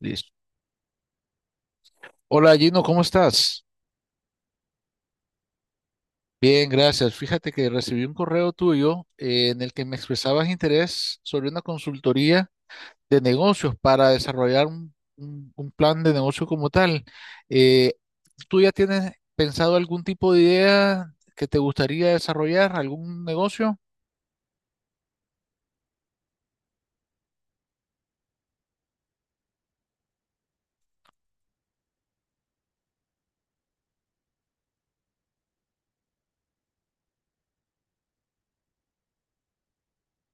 Listo. Hola Gino, ¿cómo estás? Bien, gracias. Fíjate que recibí un correo tuyo en el que me expresabas interés sobre una consultoría de negocios para desarrollar un plan de negocio como tal. Eh, ¿Tú ya tienes pensado algún tipo de idea que te gustaría desarrollar, algún negocio?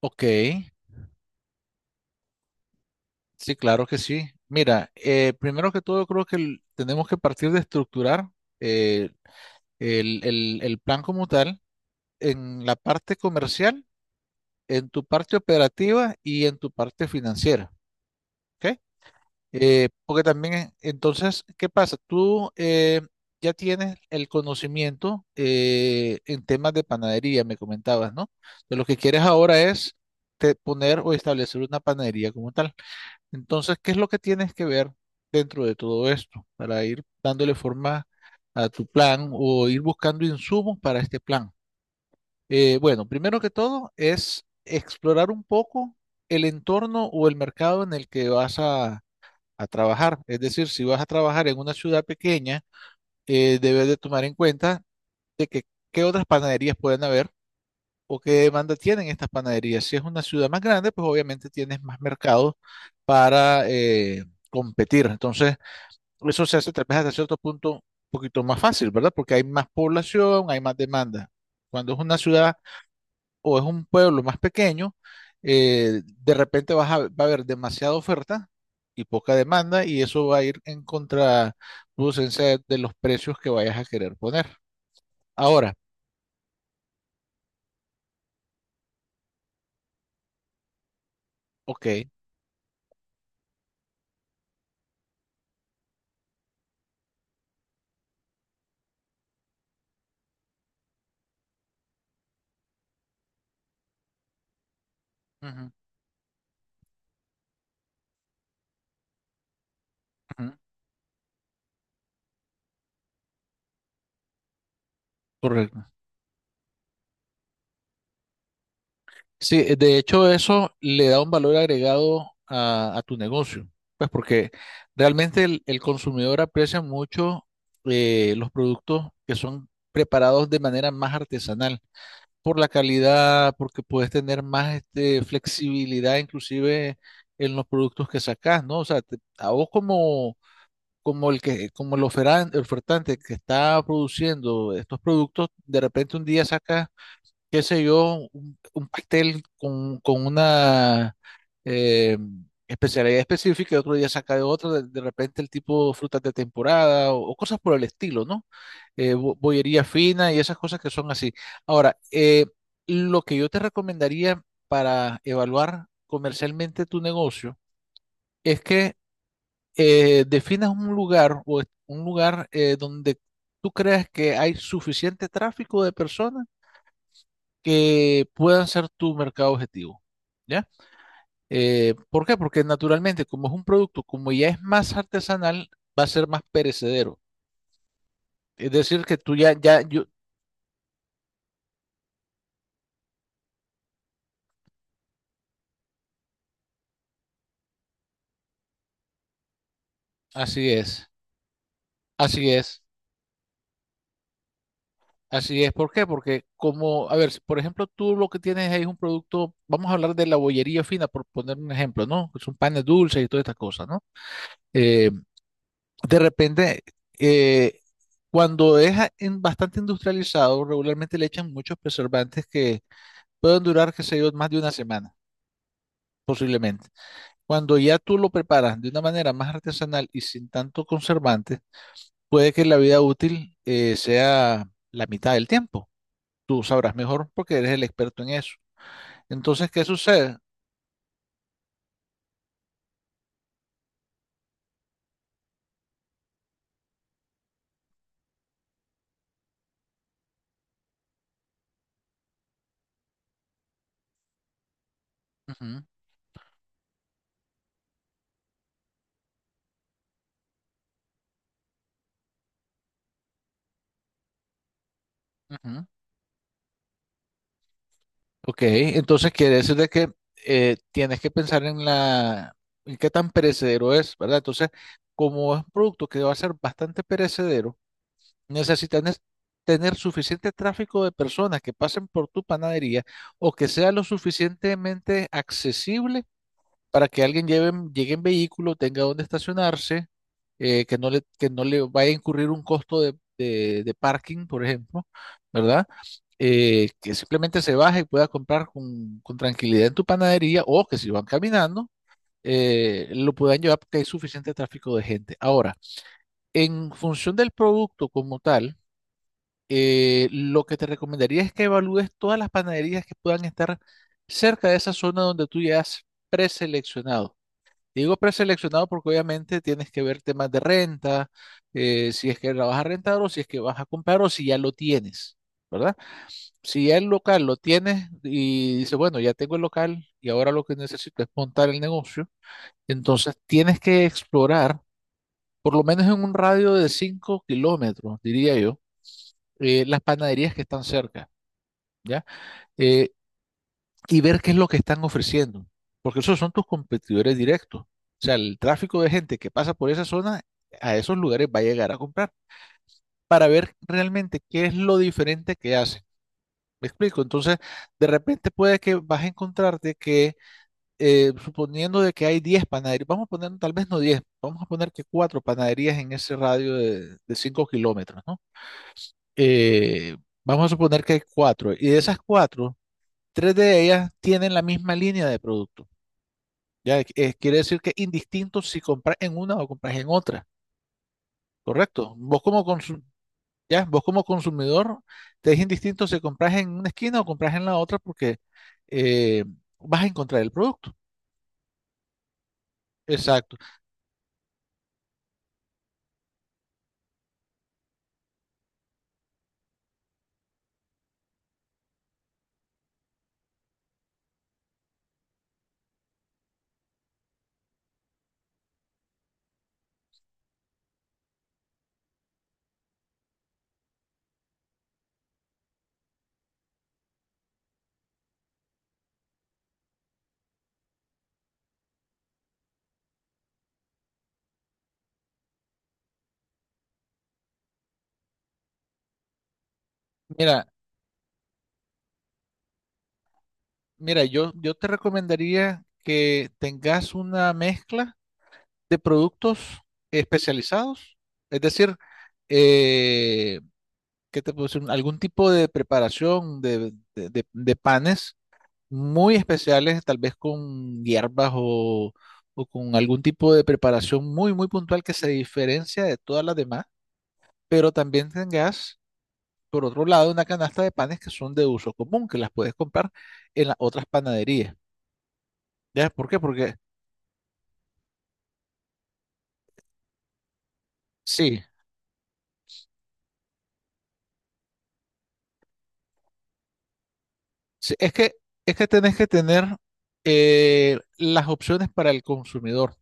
Ok, sí, claro que sí. Mira, primero que todo creo que tenemos que partir de estructurar eh, el plan como tal. En la parte comercial, en tu parte operativa y en tu parte financiera, ¿ok? Porque también, entonces, ¿qué pasa? Tú ya tienes el conocimiento en temas de panadería, me comentabas, ¿no? De lo que quieres ahora es poner o establecer una panadería como tal. Entonces, ¿qué es lo que tienes que ver dentro de todo esto para ir dándole forma a tu plan o ir buscando insumos para este plan? Bueno, primero que todo es explorar un poco el entorno o el mercado en el que a trabajar. Es decir, si vas a trabajar en una ciudad pequeña, debes de tomar en cuenta de que qué otras panaderías pueden haber o qué demanda tienen estas panaderías. Si es una ciudad más grande, pues obviamente tienes más mercado para competir. Entonces, eso se hace tal vez hasta cierto punto un poquito más fácil, ¿verdad? Porque hay más población, hay más demanda. Cuando es una ciudad o es un pueblo más pequeño, de repente vas a- va a haber demasiada oferta y poca demanda y eso va a ir en contraproducencia de los precios que vayas a querer poner. Ahora, ok. Ujú, ujú, correcto. Sí, de hecho eso le da un valor agregado a tu negocio, pues porque realmente el consumidor aprecia mucho los productos que son preparados de manera más artesanal. Por la calidad, porque puedes tener más este, flexibilidad inclusive en los productos que sacas, ¿no? O sea, a vos como, como el que, como el ofertante que está produciendo estos productos, de repente un día saca, qué sé yo, un pastel con una eh, especialidad específica, y otro día saca de otro, de repente el tipo frutas de temporada o cosas por el estilo, ¿no? Bollería fina y esas cosas que son así. Ahora, lo que yo te recomendaría para evaluar comercialmente tu negocio es que definas un lugar o un lugar donde tú creas que hay suficiente tráfico de personas que puedan ser tu mercado objetivo, ¿ya? ¿Por qué? Porque naturalmente, como es un producto, como ya es más artesanal, va a ser más perecedero. Es decir, que tú ya, ya, yo, así es, así es, así es. ¿Por qué? Porque como, a ver, si por ejemplo, tú lo que tienes ahí es un producto, vamos a hablar de la bollería fina, por poner un ejemplo, ¿no? Son panes dulces y todas estas cosas, ¿no? Eh, de repente, eh, cuando es bastante industrializado, regularmente le echan muchos preservantes que pueden durar, qué sé yo, más de una semana, posiblemente. Cuando ya tú lo preparas de una manera más artesanal y sin tanto conservante, puede que la vida útil sea la mitad del tiempo. Tú sabrás mejor porque eres el experto en eso. Entonces, ¿qué sucede? Ujú, ujú. Ok, entonces quiere decir de que tienes que pensar en en qué tan perecedero es, ¿verdad? Entonces, como es un producto que va a ser bastante perecedero, necesitas nes- tener suficiente tráfico de personas que pasen por tu panadería o que sea lo suficientemente accesible para que alguien lleve, llegue en vehículo, tenga donde estacionarse, que no le vaya a incurrir un costo de parking, por ejemplo, ¿verdad? Que simplemente se baje y pueda comprar con tranquilidad en tu panadería o que si van caminando, lo puedan llevar porque hay suficiente tráfico de gente. Ahora, en función del producto como tal, lo que te recomendaría es que evalúes todas las panaderías que puedan estar cerca de esa zona donde tú ya has preseleccionado. Digo preseleccionado porque obviamente tienes que ver temas de renta, si es que la vas a rentar o si es que vas a comprar o si ya lo tienes, ¿verdad? Si ya el local lo tienes y dices, bueno, ya tengo el local y ahora lo que necesito es montar el negocio, entonces tienes que explorar, por lo menos en un radio de 5 kilómetros, diría yo, las panaderías que están cerca, ¿ya? Eh, y ver qué es lo que están ofreciendo, porque esos son tus competidores directos. O sea, el tráfico de gente que pasa por esa zona a esos lugares va a llegar a comprar para ver realmente qué es lo diferente que hacen. Me explico. Entonces, de repente puede que vas a encontrarte que, suponiendo de que hay 10 panaderías, vamos a poner tal vez no 10 vamos a poner que 4 panaderías en ese radio de 5 kilómetros, ¿no? Eh, vamos a suponer que hay 4 y de esas 4 3 de ellas tienen la misma línea de producto. Ya quiere decir que indistinto si compras en una o compras en otra, ¿correcto? Ya, vos como consumidor te es indistinto si compras en una esquina o compras en la otra porque eh, vas a encontrar el producto. Exacto. Mira, mira, yo te recomendaría que tengas una mezcla de productos especializados, es decir, eh, ¿qué te puedo decir? Algún tipo de preparación de panes muy especiales, tal vez con hierbas o con algún tipo de preparación muy, muy puntual que se diferencia de todas las demás, pero también tengas, por otro lado, una canasta de panes que son de uso común, que las puedes comprar en las otras panaderías. ¿Ya? ¿Por qué? Porque sí, sí, es que tenés que tener las opciones para el consumidor.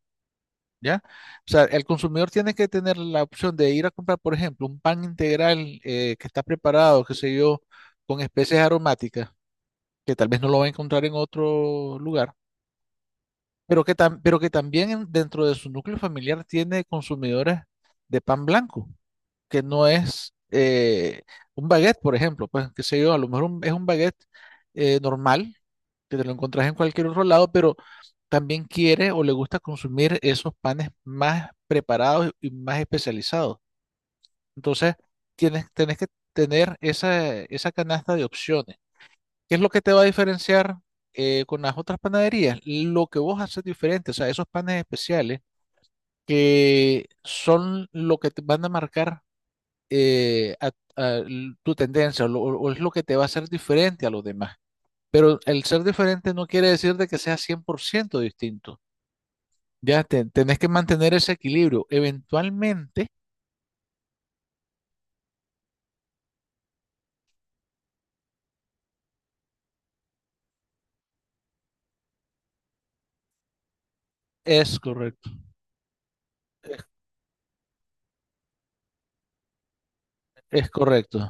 ¿Ya? O sea, el consumidor tiene que tener la opción de ir a comprar, por ejemplo, un pan integral que está preparado, qué sé yo, con especies aromáticas, que tal vez no lo va a encontrar en otro lugar, pero que, pero que también dentro de su núcleo familiar tiene consumidores de pan blanco, que no es un baguette, por ejemplo, pues, qué sé yo, a lo mejor es un baguette normal, que te lo encontrás en cualquier otro lado, pero también quiere o le gusta consumir esos panes más preparados y más especializados. Entonces, tenés que tener esa canasta de opciones. ¿Qué es lo que te va a diferenciar con las otras panaderías? Lo que vos haces diferente, o sea, esos panes especiales que son lo que te van a marcar tu tendencia o es lo que te va a hacer diferente a los demás. Pero el ser diferente no quiere decir de que sea 100% distinto. Ya tenés que mantener ese equilibrio. Eventualmente es correcto. Es, es correcto.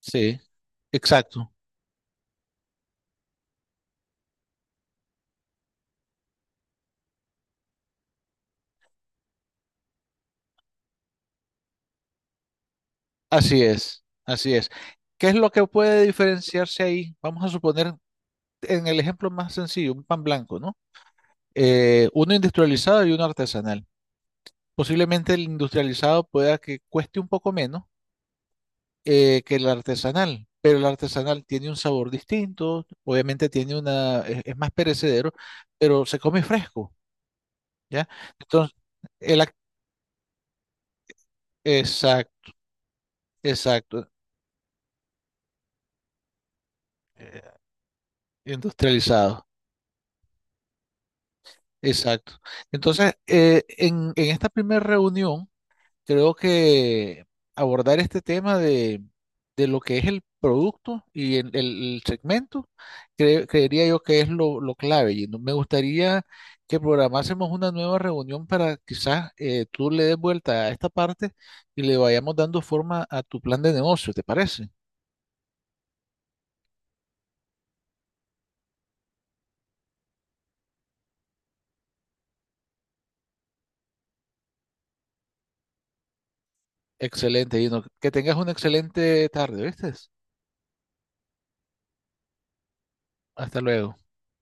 Sí, exacto. Así es. Así es. ¿Qué es lo que puede diferenciarse ahí? Vamos a suponer en el ejemplo más sencillo, un pan blanco, ¿no? Uno industrializado y uno artesanal. Posiblemente el industrializado pueda que cueste un poco menos que el artesanal, pero el artesanal tiene un sabor distinto, obviamente tiene una, es más perecedero, pero se come fresco. ¿Ya? Entonces, el, exacto, exacto, industrializado, exacto. Entonces, en esta primera reunión, creo que abordar este tema de lo que es el producto y el segmento, creería yo que es lo clave. Y me gustaría que programásemos una nueva reunión para quizás tú le des vuelta a esta parte y le vayamos dando forma a tu plan de negocio, ¿te parece? Excelente, Gino. Que tengas una excelente tarde, ¿viste? Hasta luego.